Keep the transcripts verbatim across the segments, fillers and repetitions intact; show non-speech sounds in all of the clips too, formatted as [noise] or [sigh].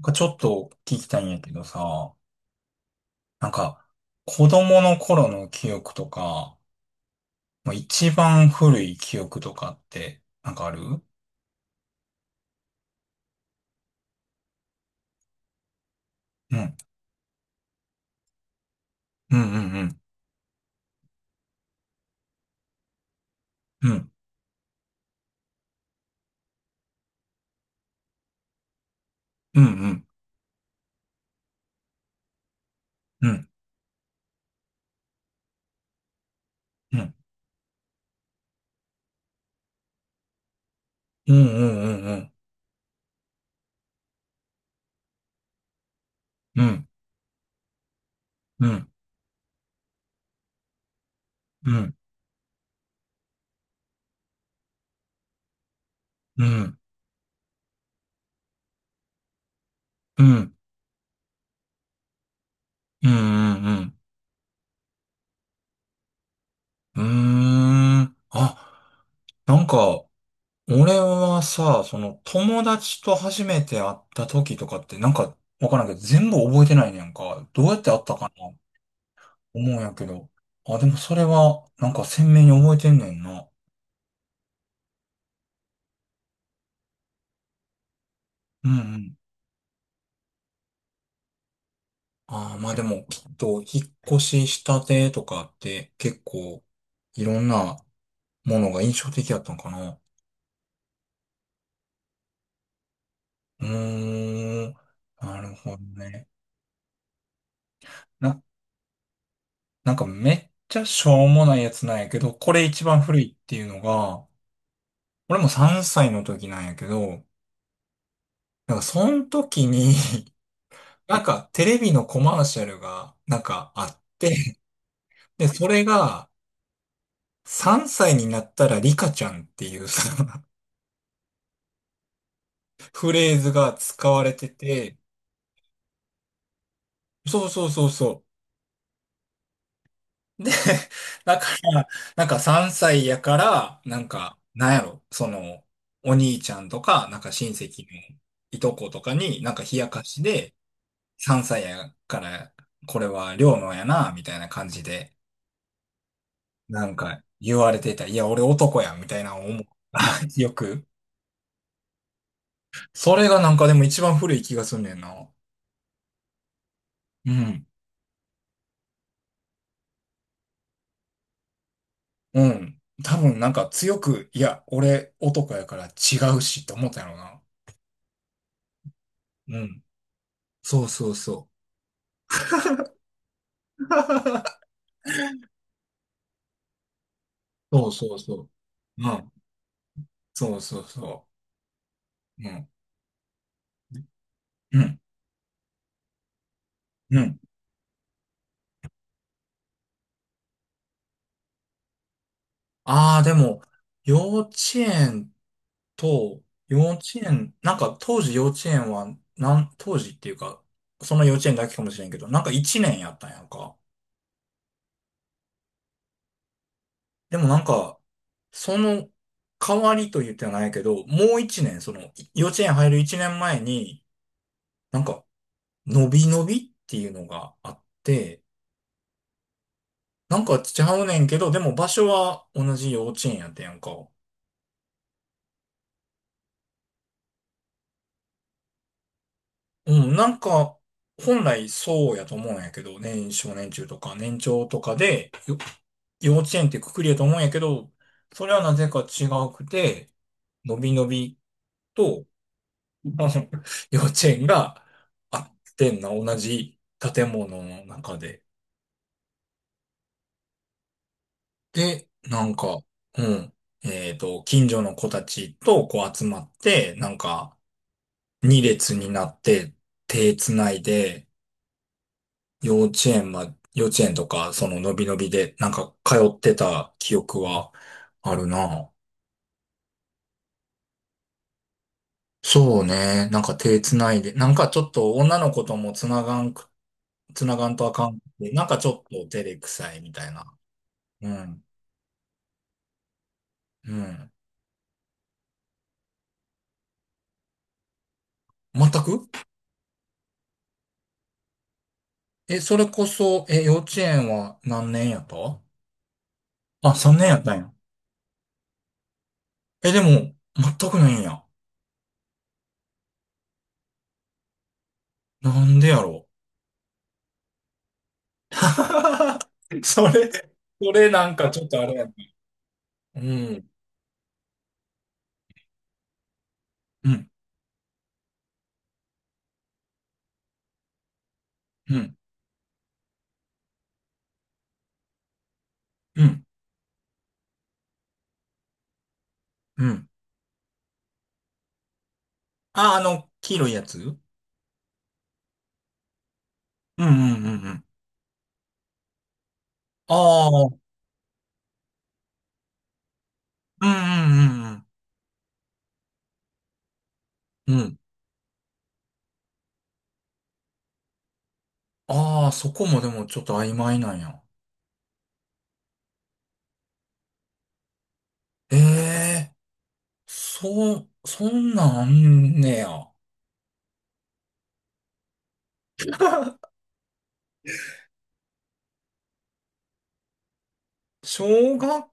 なんかちょっと聞きたいんやけどさ、なんか子供の頃の記憶とか、もう一番古い記憶とかってなんかある？うん。うんうんうん。うん。うんうんうん。うん。うんうんうんうん。うん。うん。うん。うん。うん。うんうん。うーん。あ、なんか俺はさ、その友達と初めて会った時とかってなんかわからんけど全部覚えてないねんか。どうやって会ったかな思うんやけど。あ、でもそれは、なんか鮮明に覚えてんねんな。うんうん。ああ、まあでも、きっと、引っ越ししたてとかって、結構、いろんなものが印象的やったんかな。うーん。なるほどね。な、なんかめっちゃしょうもないやつなんやけど、これ一番古いっていうのが、俺もさんさいの時なんやけど、なんかその時に [laughs] なんかテレビのコマーシャルが、なんかあって、で、それが、さんさいになったらリカちゃんっていうその [laughs] フレーズが使われてて、そうそうそうそう。で、だから、なんかさんさいやから、なんか、なんやろ、その、お兄ちゃんとか、なんか親戚のいとことかに、なんか冷やかしで、さんさいやから、これは両のやな、みたいな感じで、なんか言われてた。いや、俺男や、みたいな思う。[laughs] よく。それがなんかでも一番古い気がすんねんな。うん。うん。多分なんか強く、いや、俺男やから違うしって思ったんやろな。うん。そうそうそう。そうそうそう。うん。そうそうそう。うん。うん。うん。ああ、でも、幼稚園と、幼稚園、なんか当時幼稚園は、なん、当時っていうか、その幼稚園だけかもしれんけど、なんかいちねんやったんやんか。でもなんか、その代わりと言ってはないけど、もういちねん、その幼稚園入るいちねんまえに、なんか、伸び伸びっていうのがあって、なんかちゃうねんけど、でも場所は同じ幼稚園やってんやんか。うん、なんか、本来そうやと思うんやけど、年少年中とか年長とかで、よ幼稚園ってくくりやと思うんやけど、それはなぜか違くて、伸び伸びと、[laughs] あの幼稚園があってんな、同じ建物の中で。で、なんか、うん。えっと、近所の子たちとこう集まって、なんか、二列になって、手つないで、幼稚園ま、幼稚園とか、その、のびのびで、なんか、通ってた記憶はあるな。そうね。なんか手つないで、なんかちょっと女の子ともつながんく、つながんとあかんくて、なんかちょっと照れくさいみたいな。うん。うん。全く？え、それこそ、え、幼稚園は何年やった？あ、さんねんやったんや。え、でも、全くないんや。なんでやろう。[laughs] それ、それ、なんかちょっとあれやな。うん。うん。うん。うん。うん。あ、あの、黄色いやつ？うんうんうんうん。ああ、うんうんうんうん。うん。ああ、そこもでもちょっと曖昧なんや。ええ、そう、そんなんあんねや。小学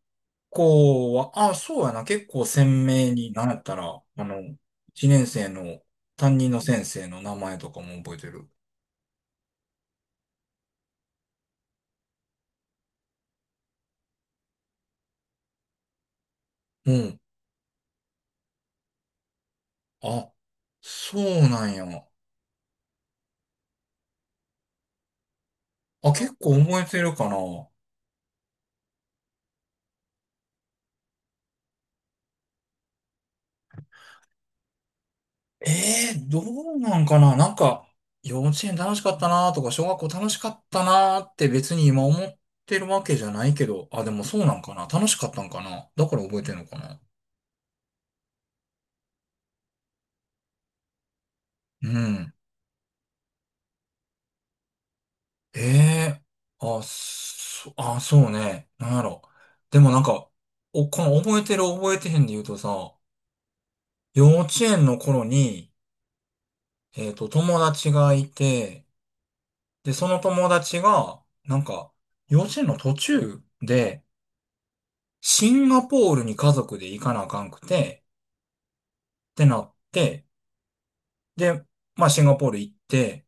校は、あ、そうやな、結構鮮明に、なんやったら、あの、一年生の担任の先生の名前とかも覚えてる。うん。あ、そうなんや。あ、結構覚えてるかな。ええー、どうなんかな、なんか、幼稚園楽しかったなとか、小学校楽しかったなって別に今思ってるわけじゃないけど、あ、でもそうなんかな、楽しかったんかな、だから覚えてるのかな。うん。ええ、あ、そ、あ、そうね。なんやろ。でもなんか、お、この覚えてる覚えてへんで言うとさ、幼稚園の頃に、えっと、友達がいて、で、その友達が、なんか、幼稚園の途中で、シンガポールに家族で行かなあかんくて、ってなって、で、まあ、シンガポール行って、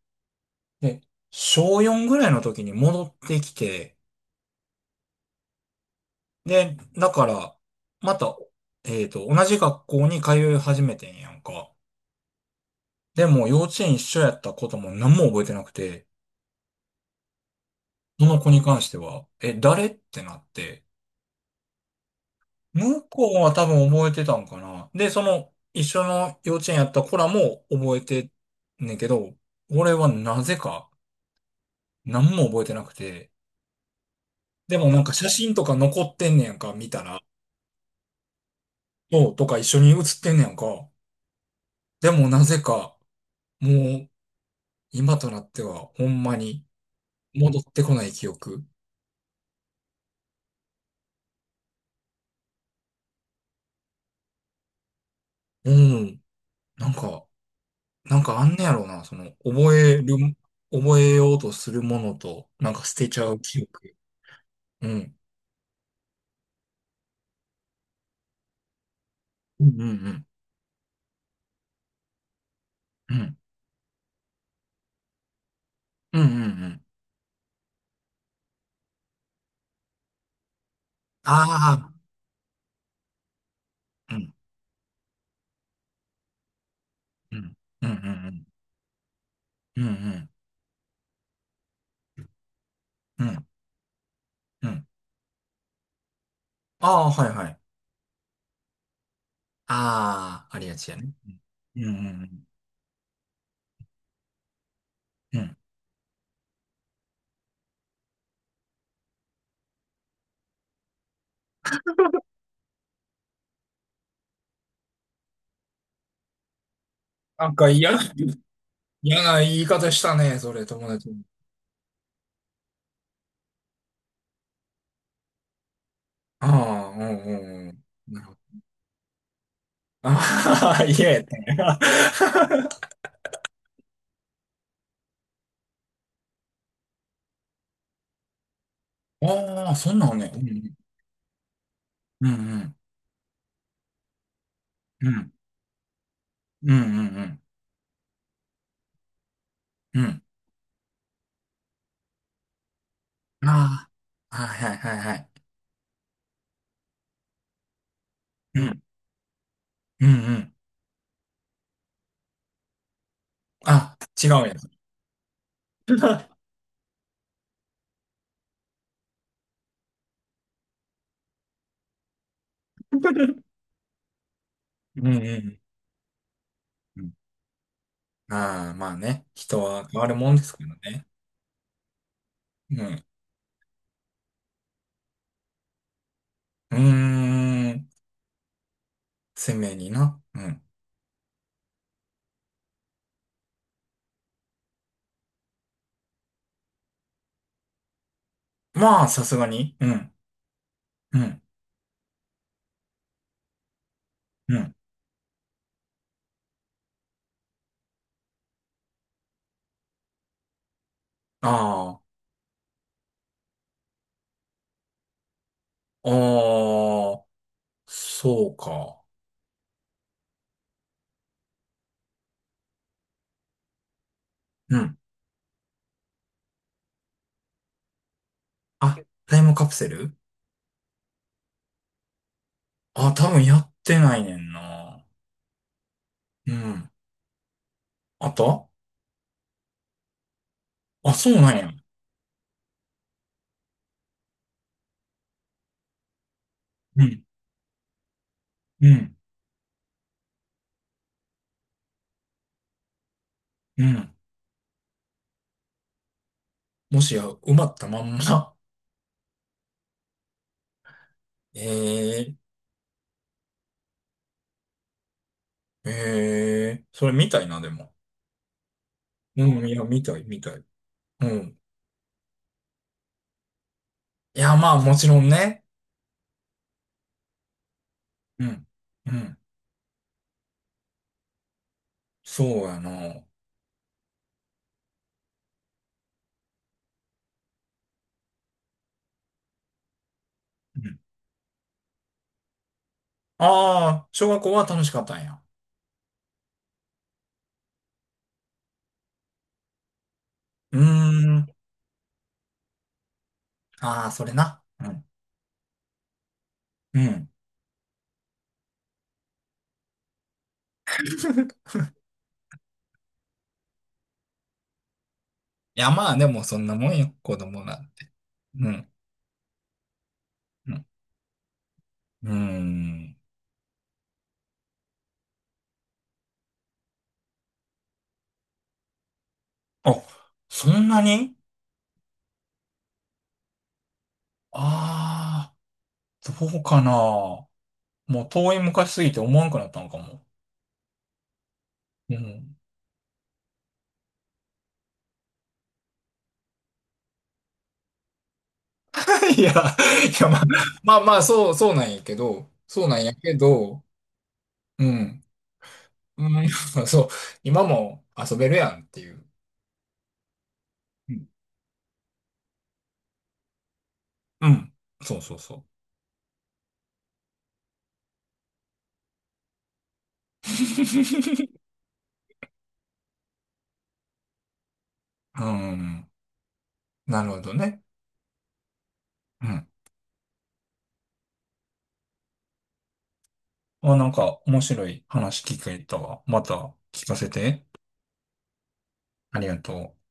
で、小よんぐらいの時に戻ってきて、で、だから、また、えっと、同じ学校に通い始めてんやんか。でも、幼稚園一緒やったことも何も覚えてなくて、その子に関しては、え、誰ってなって、向こうは多分覚えてたんかな。で、その、一緒の幼稚園やった子らも覚えてんねんけど、俺はなぜか何も覚えてなくて、でもなんか写真とか残ってんねやんか、見たら。そう、とか一緒に写ってんねやんか。でもなぜか、もう、今となっては、ほんまに戻ってこない記憶。うん。なんか、なんかあんねやろうな。その、覚える、覚えようとするものと、なんか捨てちゃう記憶。うん。うんうんうん。うん。うんうんうん。ああ。うん。うん。うんうんうん。うんうん。うん。ああ、はいはい。ああ、ありがちやね。うんうんうんうん。なんか嫌、嫌、な言い方したね、それ、友達に。ああ、うんうんうん。ああ、嫌やったんや。[laughs] ああ、そんなんね。うんうん。うんうん。うんうんうん。うん。ああ。はいはいはいはい。うん。うんうん。あ、違うんや。[laughs] うんうんうん。ああ、まあね。人は変わるもんですけどね。うん。うーん。鮮明にな。うん。まあ、さすがに。うん。うん。うん。ああ。ああ、そうか。うん。あ、タイムカプセル？あ、多分やってないねんな。うん。あった？あ、そうなんや。うん。うん。うん。もしや、埋まったまんま。ええ、ええ、それ見たいな、でも。うん、いや、見たい、見たい。うん。いや、まあ、もちろんね。うん。うん。そうやな。うん。ああ、小学校は楽しかったんや。うーん。ああ、それな。うん。うん。いや、まあ、でもそんなもんよ、子供なんて。うん。うん。うーん。あ、そんなに？ああ、どうかな。もう遠い昔すぎて思わんくなったのかも。うん。[laughs] いや、いや、まあ、まあ、まあ、そう、そうなんやけど、そうなんやけど、うん。うん、[laughs] そう、今も遊べるやんっていう。うん。うん、そうそうそう。[laughs] うん。なるほどね。うん。あ、なんか面白い話聞けたわ。また聞かせて。ありがとう。